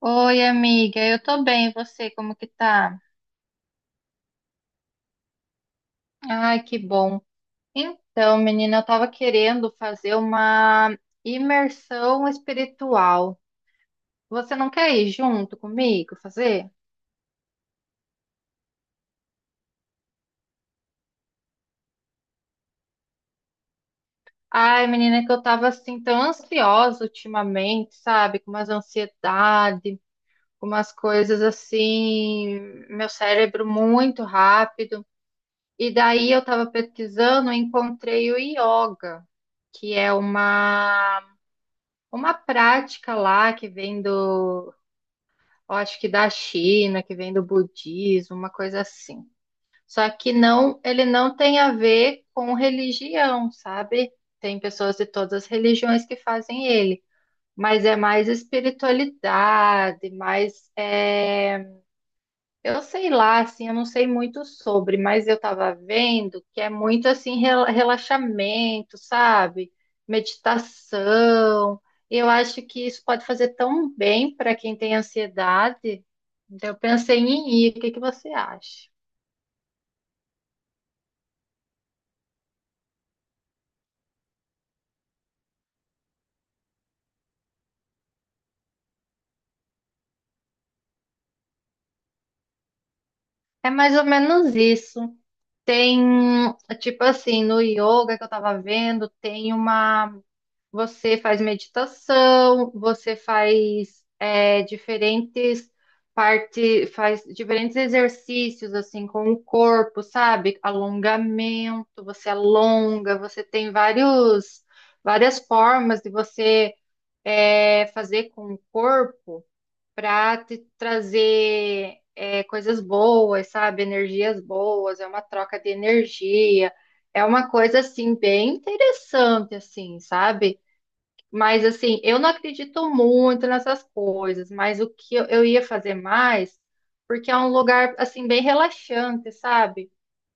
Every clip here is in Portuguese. Oi, amiga, eu tô bem, e você, como que tá? Ai, que bom. Então, menina, eu tava querendo fazer uma imersão espiritual. Você não quer ir junto comigo fazer? Ai, menina, que eu tava assim tão ansiosa ultimamente, sabe? Com umas ansiedade, com umas coisas assim, meu cérebro muito rápido. E daí eu tava pesquisando e encontrei o yoga, que é uma prática lá que vem do, eu acho que da China, que vem do budismo, uma coisa assim. Só que não, ele não tem a ver com religião, sabe? Tem pessoas de todas as religiões que fazem ele, mas é mais espiritualidade, mais eu sei lá, assim, eu não sei muito sobre, mas eu tava vendo que é muito assim relaxamento, sabe? Meditação. Eu acho que isso pode fazer tão bem para quem tem ansiedade. Então, eu pensei em ir. O que que você acha? É mais ou menos isso. Tem, tipo assim, no yoga que eu tava vendo, tem uma. Você faz meditação, você faz diferentes parte, faz diferentes exercícios assim com o corpo, sabe? Alongamento, você alonga, você tem vários várias formas de você fazer com o corpo para te trazer coisas boas, sabe? Energias boas, é uma troca de energia. É uma coisa assim bem interessante assim, sabe? Mas assim, eu não acredito muito nessas coisas, mas o que eu ia fazer mais, porque é um lugar assim bem relaxante, sabe?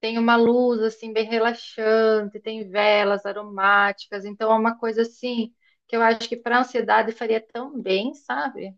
Tem uma luz assim bem relaxante, tem velas aromáticas, então é uma coisa assim que eu acho que para ansiedade faria tão bem, sabe?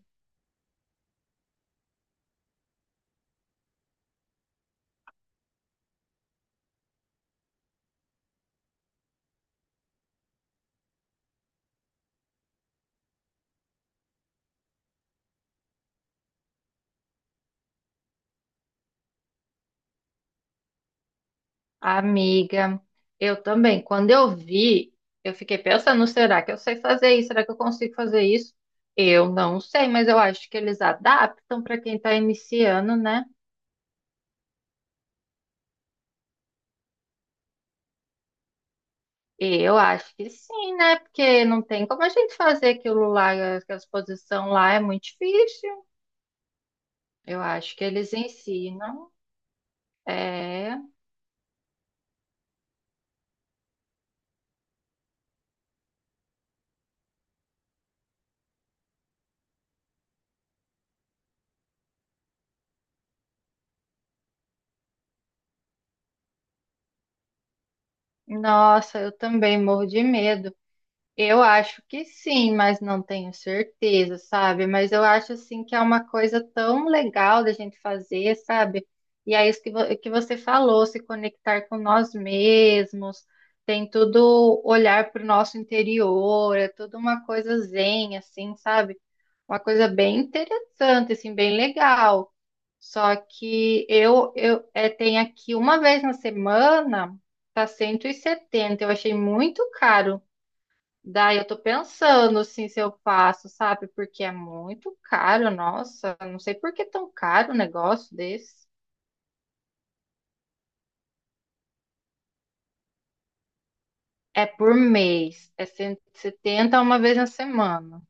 Amiga, eu também. Quando eu vi, eu fiquei pensando, será que eu sei fazer isso? Será que eu consigo fazer isso? Eu não sei, mas eu acho que eles adaptam para quem está iniciando, né? Eu acho que sim, né? Porque não tem como a gente fazer aquilo lá, aquela a exposição lá é muito difícil. Eu acho que eles ensinam. É. Nossa, eu também morro de medo. Eu acho que sim, mas não tenho certeza, sabe? Mas eu acho assim que é uma coisa tão legal da gente fazer, sabe? E é isso que, que você falou, se conectar com nós mesmos, tem tudo olhar para o nosso interior, é tudo uma coisa zen, assim, sabe? Uma coisa bem interessante, assim, bem legal. Só que eu tenho aqui uma vez na semana, tá 170, eu achei muito caro. Daí eu tô pensando assim se eu faço, sabe? Porque é muito caro, nossa, não sei por que é tão caro um negócio desse. É por mês, é 170 uma vez na semana.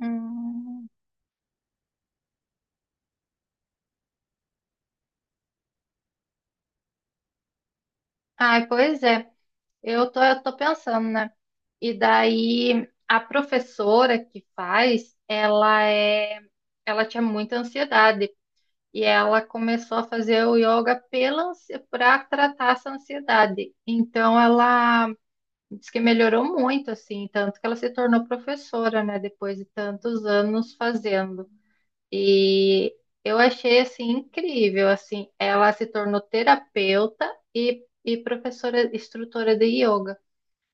Hum. Ai, pois é. Eu tô pensando, né? E daí a professora que faz, ela tinha muita ansiedade e ela começou a fazer o yoga pela, para tratar essa ansiedade. Então ela. Diz que melhorou muito, assim, tanto que ela se tornou professora, né, depois de tantos anos fazendo. E eu achei, assim, incrível, assim, ela se tornou terapeuta e professora, instrutora de yoga.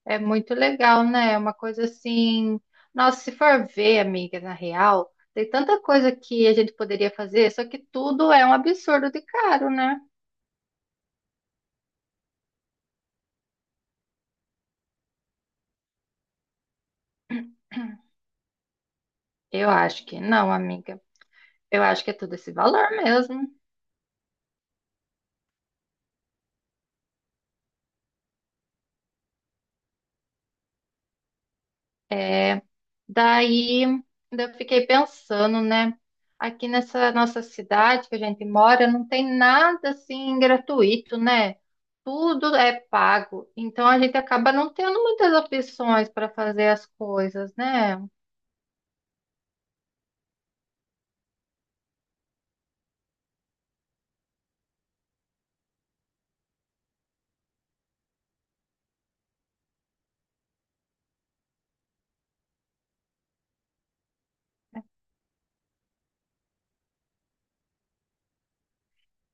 É muito legal, né? É uma coisa assim. Nossa, se for ver, amiga, na real, tem tanta coisa que a gente poderia fazer, só que tudo é um absurdo de caro, né? Eu acho que não, amiga. Eu acho que é tudo esse valor mesmo. é Daí, eu fiquei pensando, né? Aqui nessa nossa cidade que a gente mora, não tem nada assim gratuito, né? Tudo é pago. Então a gente acaba não tendo muitas opções para fazer as coisas, né?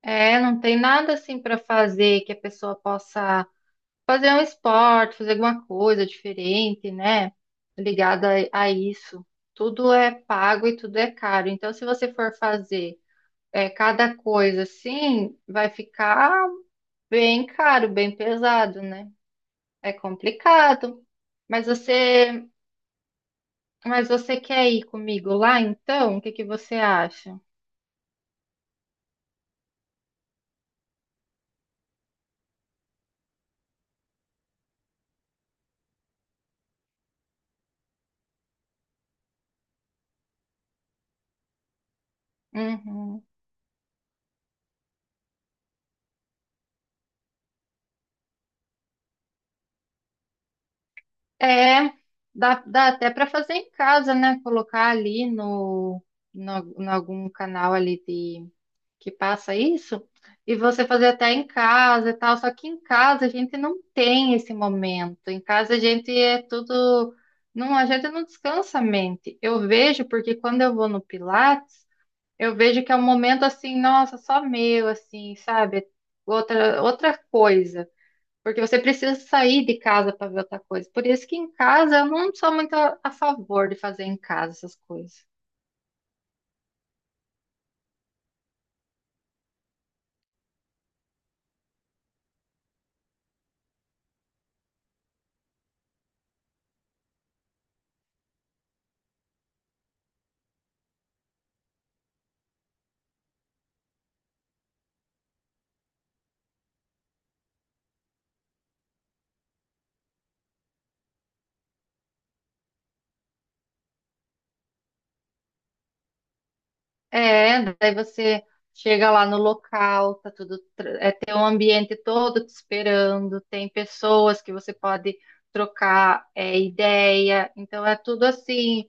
É, não tem nada assim para fazer que a pessoa possa fazer um esporte, fazer alguma coisa diferente, né? Ligada a isso. Tudo é pago e tudo é caro. Então, se você for fazer cada coisa assim vai ficar bem caro, bem pesado, né? É complicado. Mas você, mas você quer ir comigo lá então? O que que você acha? Uhum. É, dá até para fazer em casa, né? Colocar ali no algum canal ali de que passa isso, e você fazer até em casa e tal, só que em casa a gente não tem esse momento. Em casa a gente é tudo, não, a gente não descansa a mente. Eu vejo porque quando eu vou no Pilates, eu vejo que é um momento assim, nossa, só meu, assim, sabe? Outra coisa. Porque você precisa sair de casa para ver outra coisa. Por isso que em casa eu não sou muito a favor de fazer em casa essas coisas. É, daí você chega lá no local, tá tudo, tem um ambiente todo te esperando, tem pessoas que você pode trocar ideia, então é tudo assim,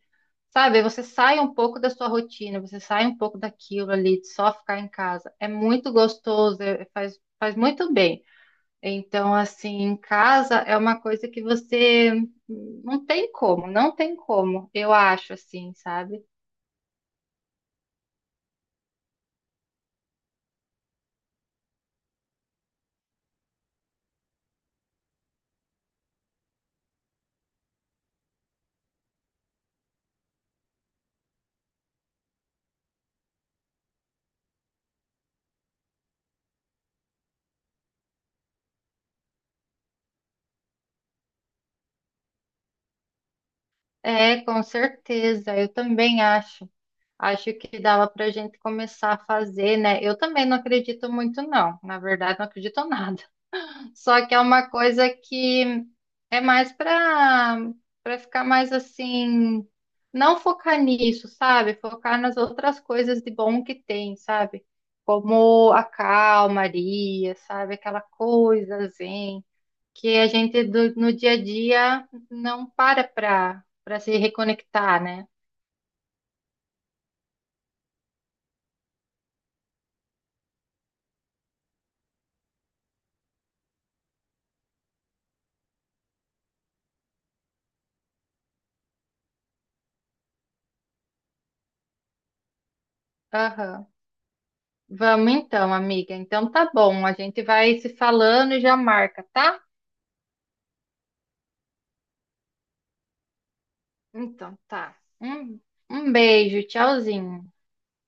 sabe? Você sai um pouco da sua rotina, você sai um pouco daquilo ali, de só ficar em casa. É muito gostoso, faz, faz muito bem. Então, assim, em casa é uma coisa que você não tem como, não tem como, eu acho assim, sabe? É, com certeza, eu também acho. Acho que dava para a gente começar a fazer, né? Eu também não acredito muito, não. Na verdade, não acredito em nada. Só que é uma coisa que é mais para ficar mais assim, não focar nisso, sabe? Focar nas outras coisas de bom que tem, sabe? Como a calmaria, sabe? Aquela coisa zen que a gente no dia a dia não para para se reconectar, né? Aham. Vamos então, amiga. Então tá bom, a gente vai se falando e já marca, tá? Então tá. Um beijo, tchauzinho.